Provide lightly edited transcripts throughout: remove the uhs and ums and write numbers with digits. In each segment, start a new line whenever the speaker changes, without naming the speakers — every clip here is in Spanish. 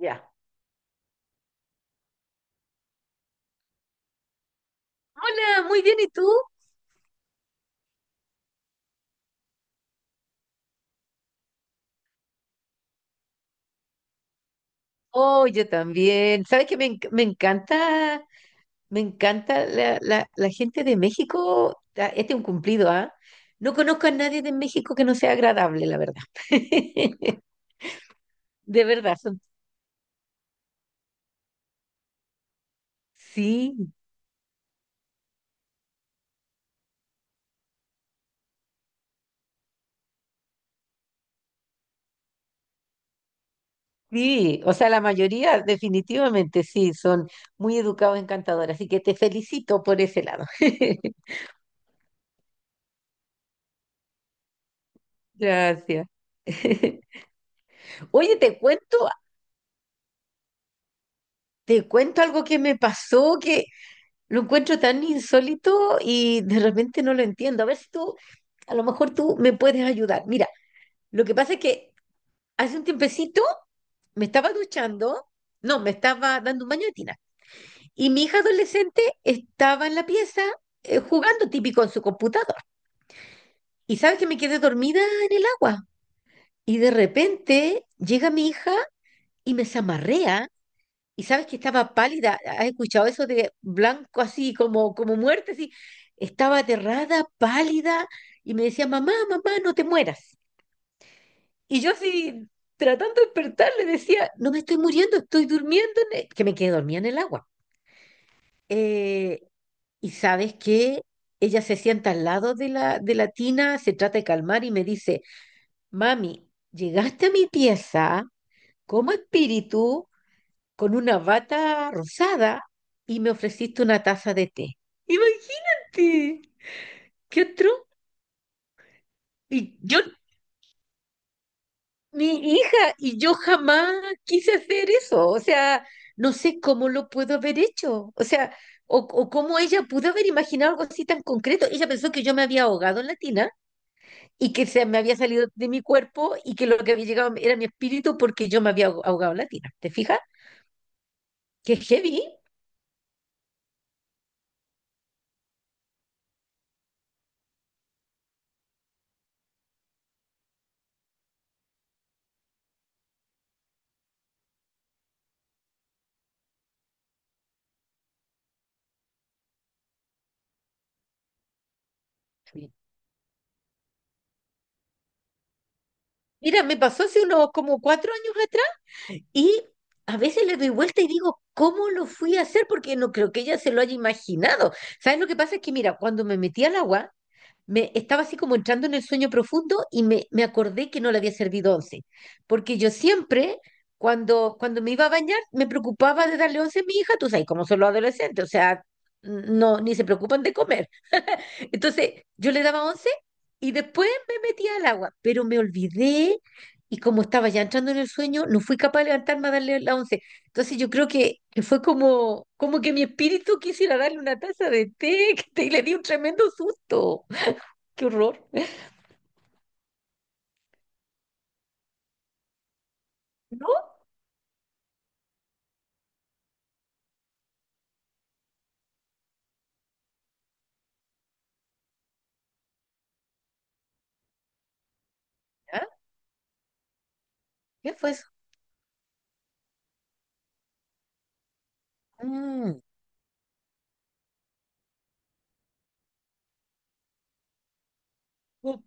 Ya. Hola, muy bien, ¿y tú? Oh, yo también. ¿Sabes qué? Me encanta, la gente de México. Ah, este es un cumplido, ¿ah? No conozco a nadie de México que no sea agradable, la verdad. De verdad, son, sí, sí. O sea, la mayoría definitivamente sí, son muy educados, encantadores. Así que te felicito por ese lado. Gracias. Oye, te cuento algo que me pasó. Que Lo encuentro tan insólito y de repente no lo entiendo. A ver si tú, a lo mejor tú me puedes ayudar. Mira, lo que pasa es que hace un tiempecito me estaba duchando, no, me estaba dando un baño de tina. Y mi hija adolescente estaba en la pieza jugando típico en su computador. Y sabes que me quedé dormida en el agua. Y de repente llega mi hija y me zamarrea. Y sabes que estaba pálida, ¿has escuchado eso de blanco así, como, como muerte, así? Estaba aterrada, pálida, y me decía, mamá, mamá, no te mueras. Y yo así, tratando de despertar, le decía, no me estoy muriendo, estoy durmiendo, que me quedé dormida en el agua. Eh, y sabes que ella se sienta al lado de la tina, se trata de calmar y me dice, mami, llegaste a mi pieza como espíritu con una bata rosada y me ofreciste una taza de té. Imagínate, ¿qué otro? Y yo, mi hija, y yo jamás quise hacer eso. O sea, no sé cómo lo puedo haber hecho. O sea, o cómo ella pudo haber imaginado algo así tan concreto. Ella pensó que yo me había ahogado en la tina y que se me había salido de mi cuerpo y que lo que había llegado era mi espíritu porque yo me había ahogado en la tina. ¿Te fijas? Qué heavy. Mira, me pasó hace unos como 4 años atrás. Y a veces le doy vuelta y digo, ¿cómo lo fui a hacer? Porque no creo que ella se lo haya imaginado. ¿Sabes lo que pasa? Es que, mira, cuando me metí al agua, me estaba así como entrando en el sueño profundo y me acordé que no le había servido once. Porque yo siempre, cuando me iba a bañar, me preocupaba de darle once a mi hija, tú sabes, cómo son los adolescentes, o sea, no, ni se preocupan de comer. Entonces, yo le daba 11 y después me metía al agua, pero me olvidé y como estaba ya entrando en el sueño, no fui capaz de levantarme a darle la once. Entonces, yo creo que, que fue como, que mi espíritu quisiera darle una taza de té, y le di un tremendo susto. ¡Qué horror! ¿No? ¿Ya? ¿Qué fue eso? Mm. Oh.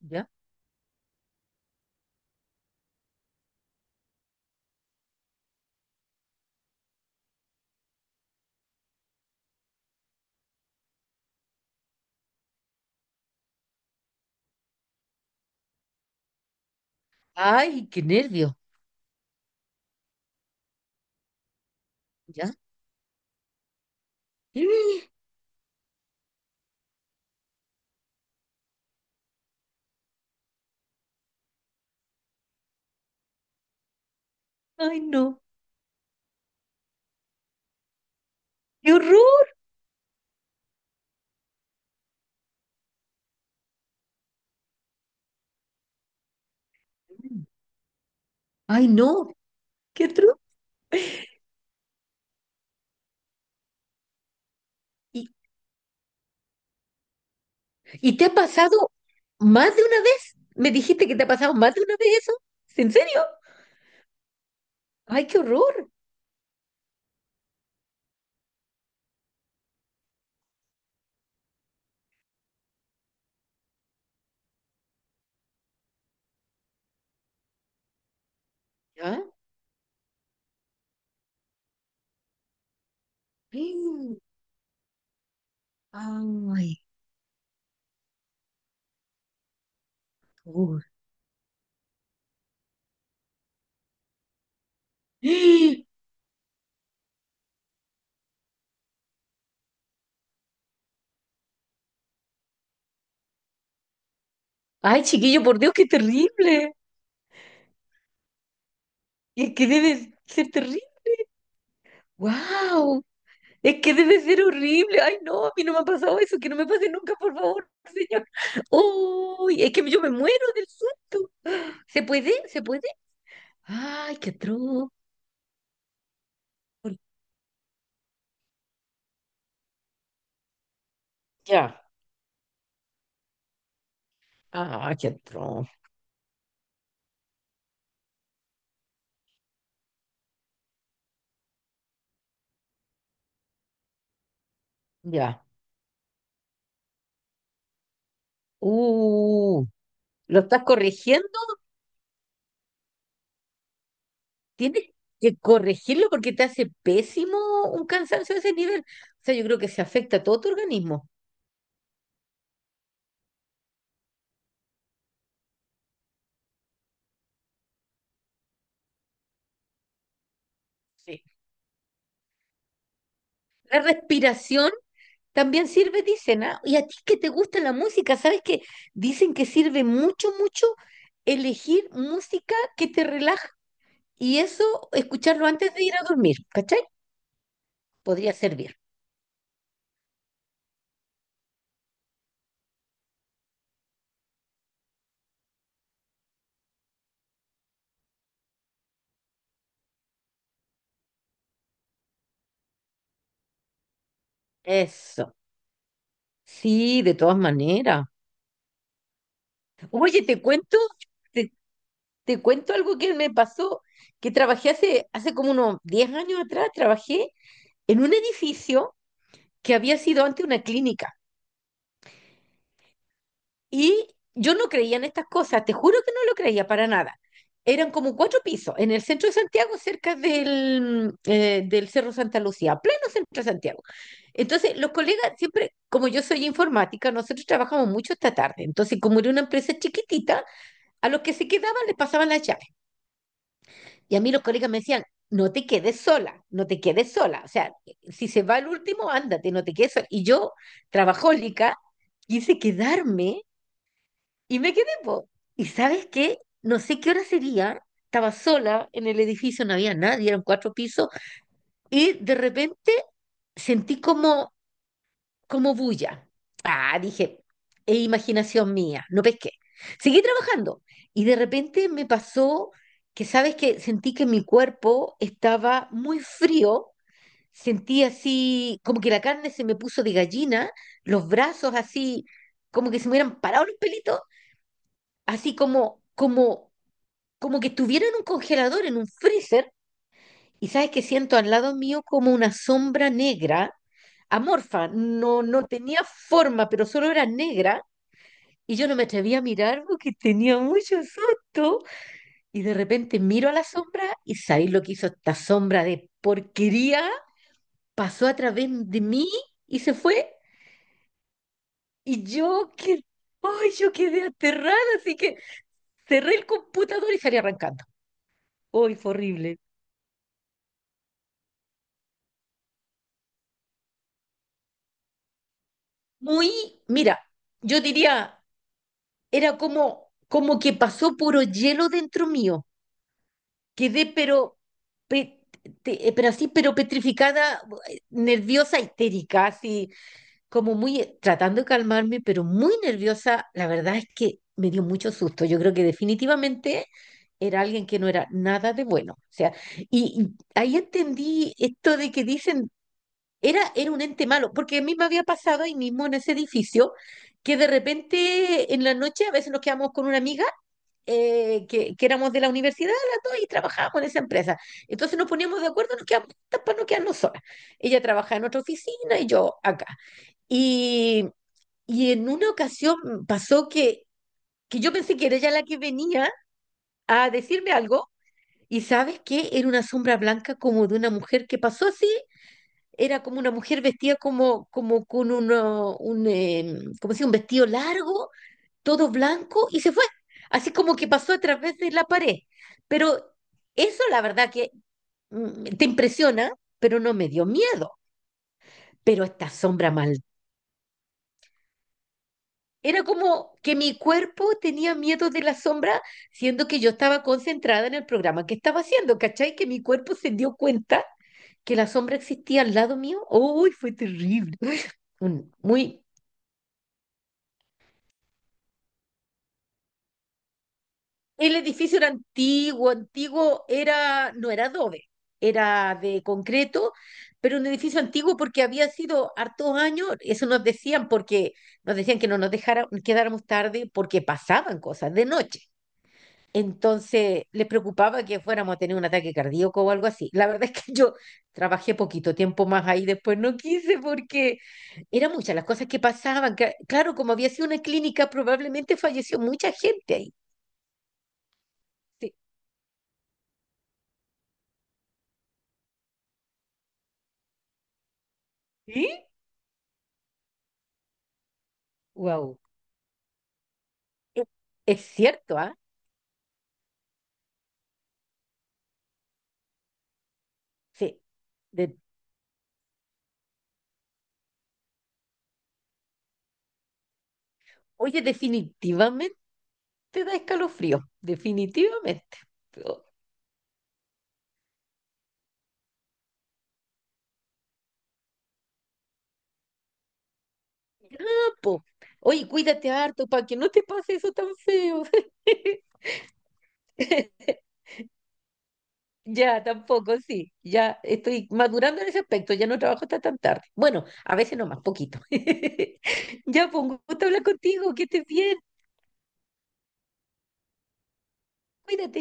¿Ya? ¡Ay, qué nervio! ¿Ya? ¡Ay, no! ¡Qué horror! ¡Ay, no! ¡Qué truco! ¿Y te ha pasado más de una vez? ¿Me dijiste que te ha pasado más de una vez eso? ¿En serio? ¡Ay, qué horror! ¿Ah? Mm. ¡Ay, qué horror! ¡Ay, chiquillo, por Dios, qué terrible! Es que debe ser terrible. ¡Wow! Es que debe ser horrible. ¡Ay, no! A mí no me ha pasado eso. Que no me pase nunca, por favor, señor. ¡Uy! Es que yo me muero del susto. ¿Se puede? ¿Se puede? ¡Ay, qué atroz! Ya. ¡Ah, qué atroz! Ya. Uh, ¿Lo estás corrigiendo? Tienes que corregirlo porque te hace pésimo un cansancio de ese nivel. O sea, yo creo que se afecta a todo tu organismo. Sí. La respiración también sirve, dicen, ¿ah? Y a ti que te gusta la música, ¿sabes que dicen que sirve mucho, mucho elegir música que te relaja y eso, escucharlo antes de ir a dormir, ¿cachai? Podría servir. Eso. Sí, de todas maneras. Oye, te, Te cuento algo que me pasó, que trabajé hace como unos 10 años atrás, trabajé en un edificio que había sido antes una clínica. Y yo no creía en estas cosas, te juro que no lo creía para nada. Eran como cuatro pisos en el centro de Santiago, cerca del Cerro Santa Lucía, pleno centro de Santiago. Entonces, los colegas siempre, como yo soy informática, nosotros trabajamos mucho esta tarde. Entonces, como era una empresa chiquitita, a los que se quedaban les pasaban las llaves. Y a mí los colegas me decían, no te quedes sola, no te quedes sola. O sea, si se va el último, ándate, no te quedes sola. Y yo, trabajólica, quise quedarme y me quedé, po. Y sabes qué, no sé qué hora sería, estaba sola en el edificio, no había nadie, eran cuatro pisos, y de repente sentí como bulla. Ah, dije, es imaginación mía, no pesqué. Seguí trabajando y de repente me pasó ¿sabes que sentí que mi cuerpo estaba muy frío, sentí así como que la carne se me puso de gallina, los brazos así como que se me hubieran parado los pelitos, así como que estuviera en un congelador, en un freezer, y sabes que siento al lado mío como una sombra negra, amorfa, no, no tenía forma, pero solo era negra. Y yo no me atreví a mirar porque tenía mucho susto. Y de repente miro a la sombra y ¿sabéis lo que hizo esta sombra de porquería? Pasó a través de mí y se fue. Y yo que, ay, yo quedé aterrada, así que cerré el computador y salí arrancando. Ay, fue horrible. Muy, mira, yo diría era como, como que pasó puro hielo dentro mío. Quedé pero, pe- pero así, pero petrificada, nerviosa, histérica, así como muy, tratando de calmarme, pero muy nerviosa. La verdad es que me dio mucho susto. Yo creo que definitivamente era alguien que no era nada de bueno. O sea, y ahí entendí esto de que dicen, era un ente malo, porque a mí me había pasado ahí mismo en ese edificio, que de repente en la noche a veces nos quedamos con una amiga que éramos de la universidad, las dos, y trabajábamos en esa empresa. Entonces nos poníamos de acuerdo, nos quedamos juntas para no quedarnos solas. Ella trabajaba en otra oficina y yo acá. Y, y en una ocasión pasó que yo pensé que era ella la que venía a decirme algo, y ¿sabes qué? Era una sombra blanca como de una mujer que pasó así, era como una mujer vestida como, como con como si un vestido largo todo blanco y se fue. Así como que pasó a través de la pared. Pero eso la verdad que mm, te impresiona, pero no me dio miedo. Pero esta sombra mal. Era como que mi cuerpo tenía miedo de la sombra, siendo que yo estaba concentrada en el programa que estaba haciendo, ¿cachai? Que mi cuerpo se dio cuenta que la sombra existía al lado mío. ¡Uy, fue terrible! Muy, el edificio era antiguo, antiguo era, no era adobe, era de concreto, pero un edificio antiguo porque había sido hartos años, eso nos decían porque nos decían que no nos dejara, quedáramos tarde porque pasaban cosas de noche. Entonces les preocupaba que fuéramos a tener un ataque cardíaco o algo así. La verdad es que yo trabajé poquito tiempo más ahí, después no quise porque eran muchas las cosas que pasaban. Claro, como había sido una clínica, probablemente falleció mucha gente ahí. Sí. ¿Sí? Wow. Es, es cierto, ¿ah? Sí. De- Oye, definitivamente da escalofrío. Definitivamente. Pero, ah, po. Oye, cuídate harto para que no te pase eso tan feo. Ya, tampoco, sí. Ya estoy madurando en ese aspecto. Ya no trabajo hasta tan tarde. Bueno, a veces no más, poquito. Ya, pues, un gusto hablar contigo. Que estés bien. Cuídate.